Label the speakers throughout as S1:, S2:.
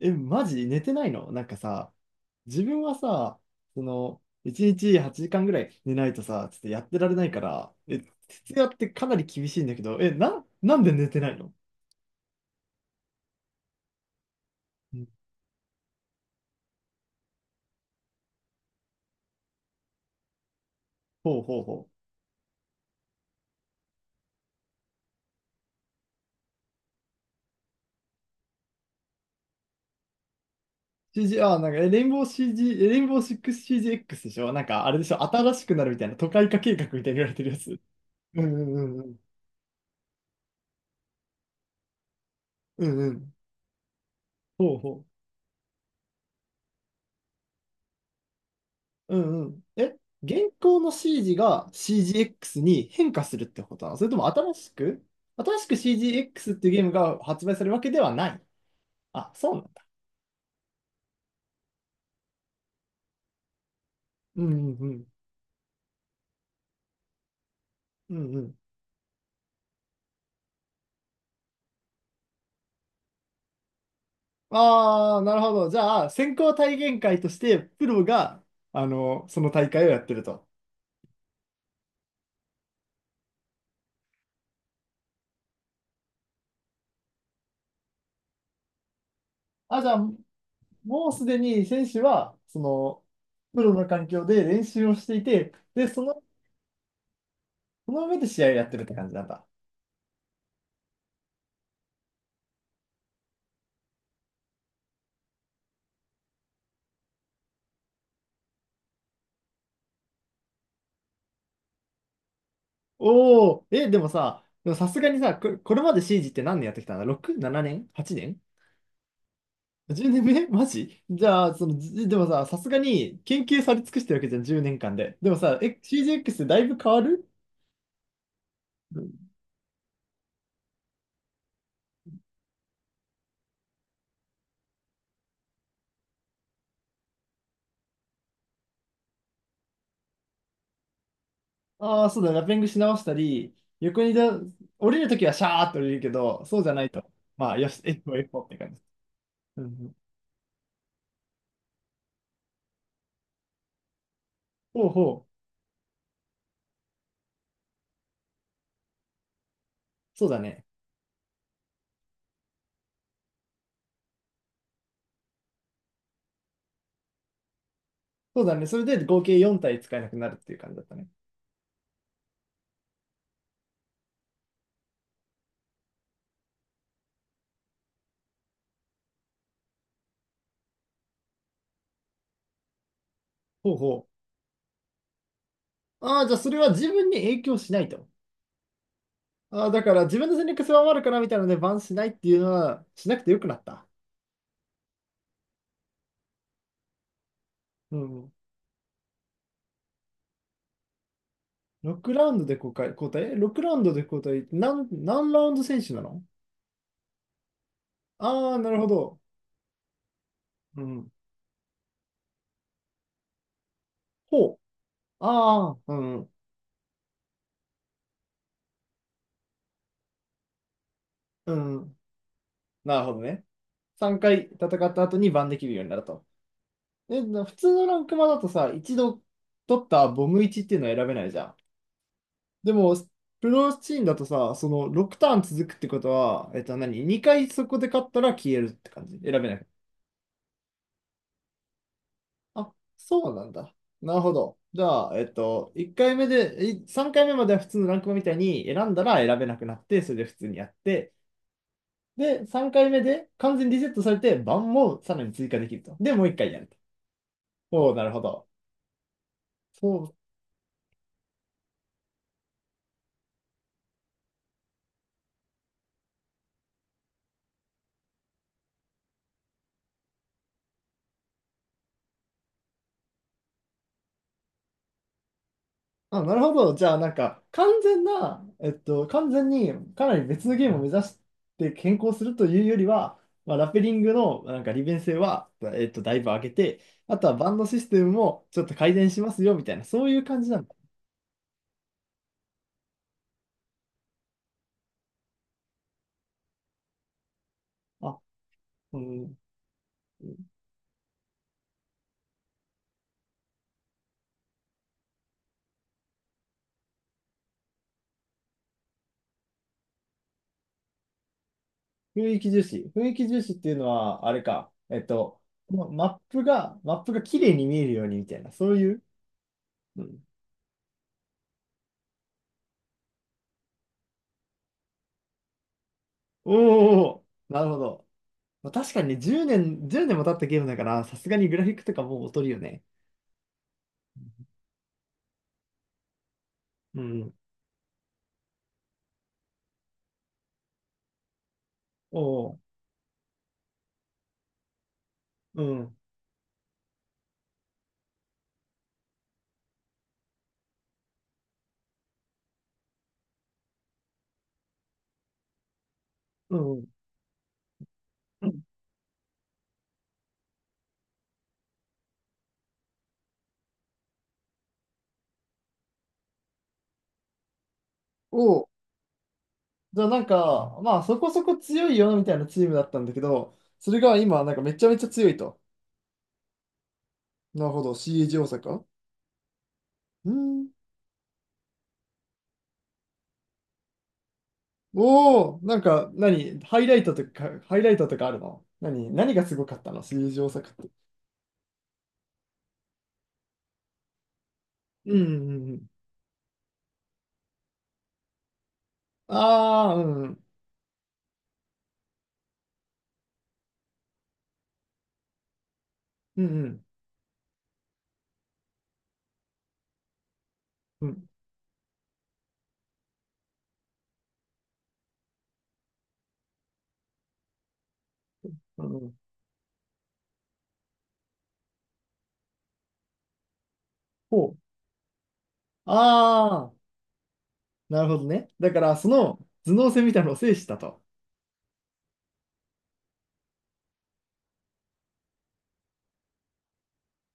S1: マジ寝てないの？なんかさ、自分はさ、1日8時間ぐらい寝ないとさ、ちょっとやってられないから、徹夜ってかなり厳しいんだけど、なんで寝てないの？うん。ほうほうほう。シージーあ、なんか、えレインボー CG、えレインボー 6CGX でしょ？なんか、あれでしょ？新しくなるみたいな、都会化計画みたいに言われてるやつ。うんうんうんうん。うんうん。ほうほう。うんうん。現行の CG が CGX に変化するってこと？なのそれとも新しく CGX っていうゲームが発売されるわけではない？あ、そうなんだ。うんうんうん。うんうん。ああ、なるほど。じゃあ、先行体験会として、プロが、その大会をやってると。あ、じゃあ、もうすでに選手は、プロの環境で練習をしていて、で、その上で試合をやってるって感じなんだ。おお、でもさすがにさ、これまでシージって何年やってきたんだ？ 6、7年？ 8 年？ 10 年目？ マジじゃあ、でもさ、さすがに研究され尽くしてるわけじゃん、10年間で。でもさ、CGX だいぶ変わる？ああー、そうだ、ラッピングし直したり、横にだ、降りるときはシャーっと降りるけど、そうじゃないと。まあ、よし、F4、F4 って感じ。うんうん。ほうほう。そうだね。そうだね。それで合計4体使えなくなるっていう感じだったね。ほうほう。ああ、じゃあそれは自分に影響しないと。あー、だから自分の戦略狭まるからみたいなのでバンしないっていうのはしなくてよくなった。うん。6ラウンドで交代、交代？え？ 6 ラウンドで交代、何ラウンド選手なの？ああー、なるほど。うん。ほう。ああ、うん。うん。なるほどね。3回戦った後にバンできるようになると。で、普通のランクマだとさ、一度取ったボム1っていうのは選べないじゃん。でも、プロチームだとさ、その6ターン続くってことは、何？ 2 回そこで勝ったら消えるって感じ？選べない？あ、そうなんだ。なるほど。じゃあ、1回目で、3回目までは普通のランクマみたいに選んだら選べなくなって、それで普通にやって、で、3回目で完全にリセットされて、番もさらに追加できると。で、もう1回やると。おお、なるほど。そう。あ、なるほど。じゃあ、なんか、完全にかなり別のゲームを目指して変更するというよりは、まあ、ラペリングのなんか利便性は、だいぶ上げて、あとはバンドシステムもちょっと改善しますよみたいな、そういう感じなの？あ、うん。雰囲気重視。雰囲気重視っていうのは、あれか。マップが綺麗に見えるようにみたいな、そういう。うん、おーお、なるほど。まあ、確かにね、10年、1年も経ったゲームだから、さすがにグラフィックとかもう劣るよね。うん。おお、うん、うん。うん。おお、じゃあなんか、まあそこそこ強いよみたいなチームだったんだけど、それが今、なんかめちゃめちゃ強いと。なるほど、CAG 大阪。うん。おお、なんか、何、ハイライトとかあるの？何がすごかったの？水上作って。うんうんうん。ああ、うんうん。うんうん。うん。うん。ほう。ああ、なるほどね。だから、その頭脳戦みたいなのを制したと。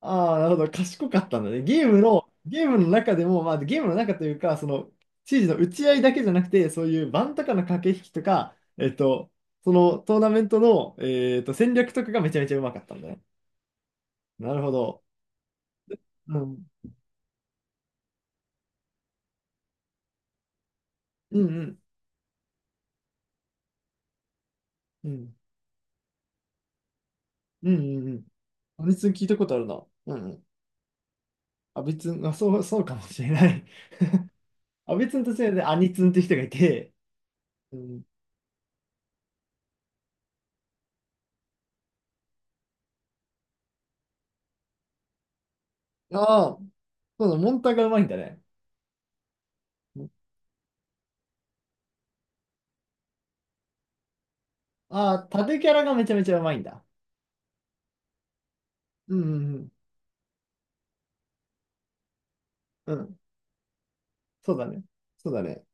S1: ああ、なるほど。賢かったんだね。ゲームの中でも、まあ、ゲームの中というか、指示の打ち合いだけじゃなくて、そういう盤とかの駆け引きとか、そのトーナメントの、戦略とかがめちゃめちゃうまかったんだね。なるほど。うん。うんうん。うんうんうんうん。アニツン聞いたことあるな。うんうん。アビあ、そう、そうかもしれない。ア別ツンとしてでアニツって人がいて、うん。ああ、そうだ、モンタがうまいんだね。ああ、縦キャラがめちゃめちゃうまいんだ。うんうんうん。うん、そうだね。そうだね。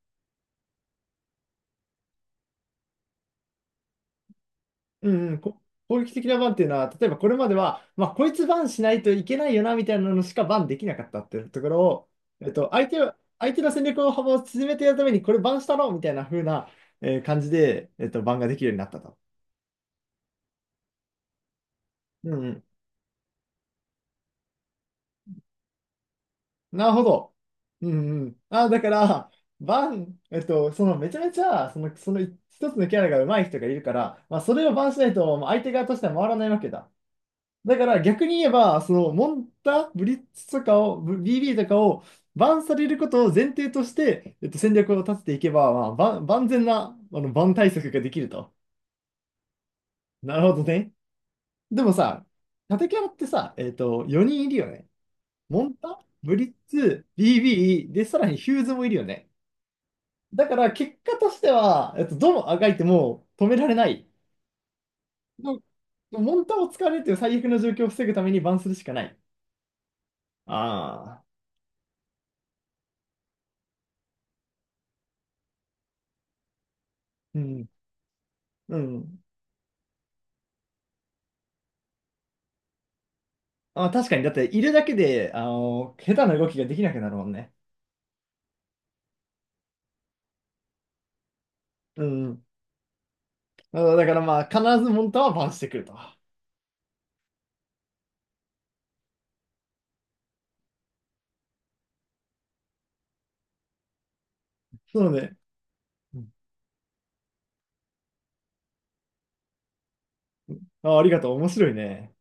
S1: うんうん、攻撃的なバンっていうのは、例えばこれまでは、まあ、こいつバンしないといけないよなみたいなのしかバンできなかったっていうところを、相手の戦略の幅を縮めてやるために、これバンしたろみたいな風な、感じで、バンができるようになったと。うんうん、なるほど。うんうん。あ、だから、バン、えっと、そのめちゃめちゃ、その、その一つのキャラが上手い人がいるから、まあ、それをバンしないと、まあ相手側としては回らないわけだ。だから逆に言えば、そのモンタ、ブリッツとかを、BB とかをバンされることを前提として、戦略を立てていけば、まあ、万万全なあのバン対策ができると。なるほどね。でもさ、縦キャラってさ、4人いるよね。モンタ、ブリッツ、BB、で、さらにヒューズもいるよね。だから結果としては、どのあがいても止められない。のモンタを使われるという最悪の状況を防ぐためにバンするしかない。ああ。うん。うん。あ、確かに、だって、いるだけで、下手な動きができなくなるもんね。うん。あ、だからまあ、必ずモンタはバンしてくると。そうね。うん。あ、ありがとう。面白いね。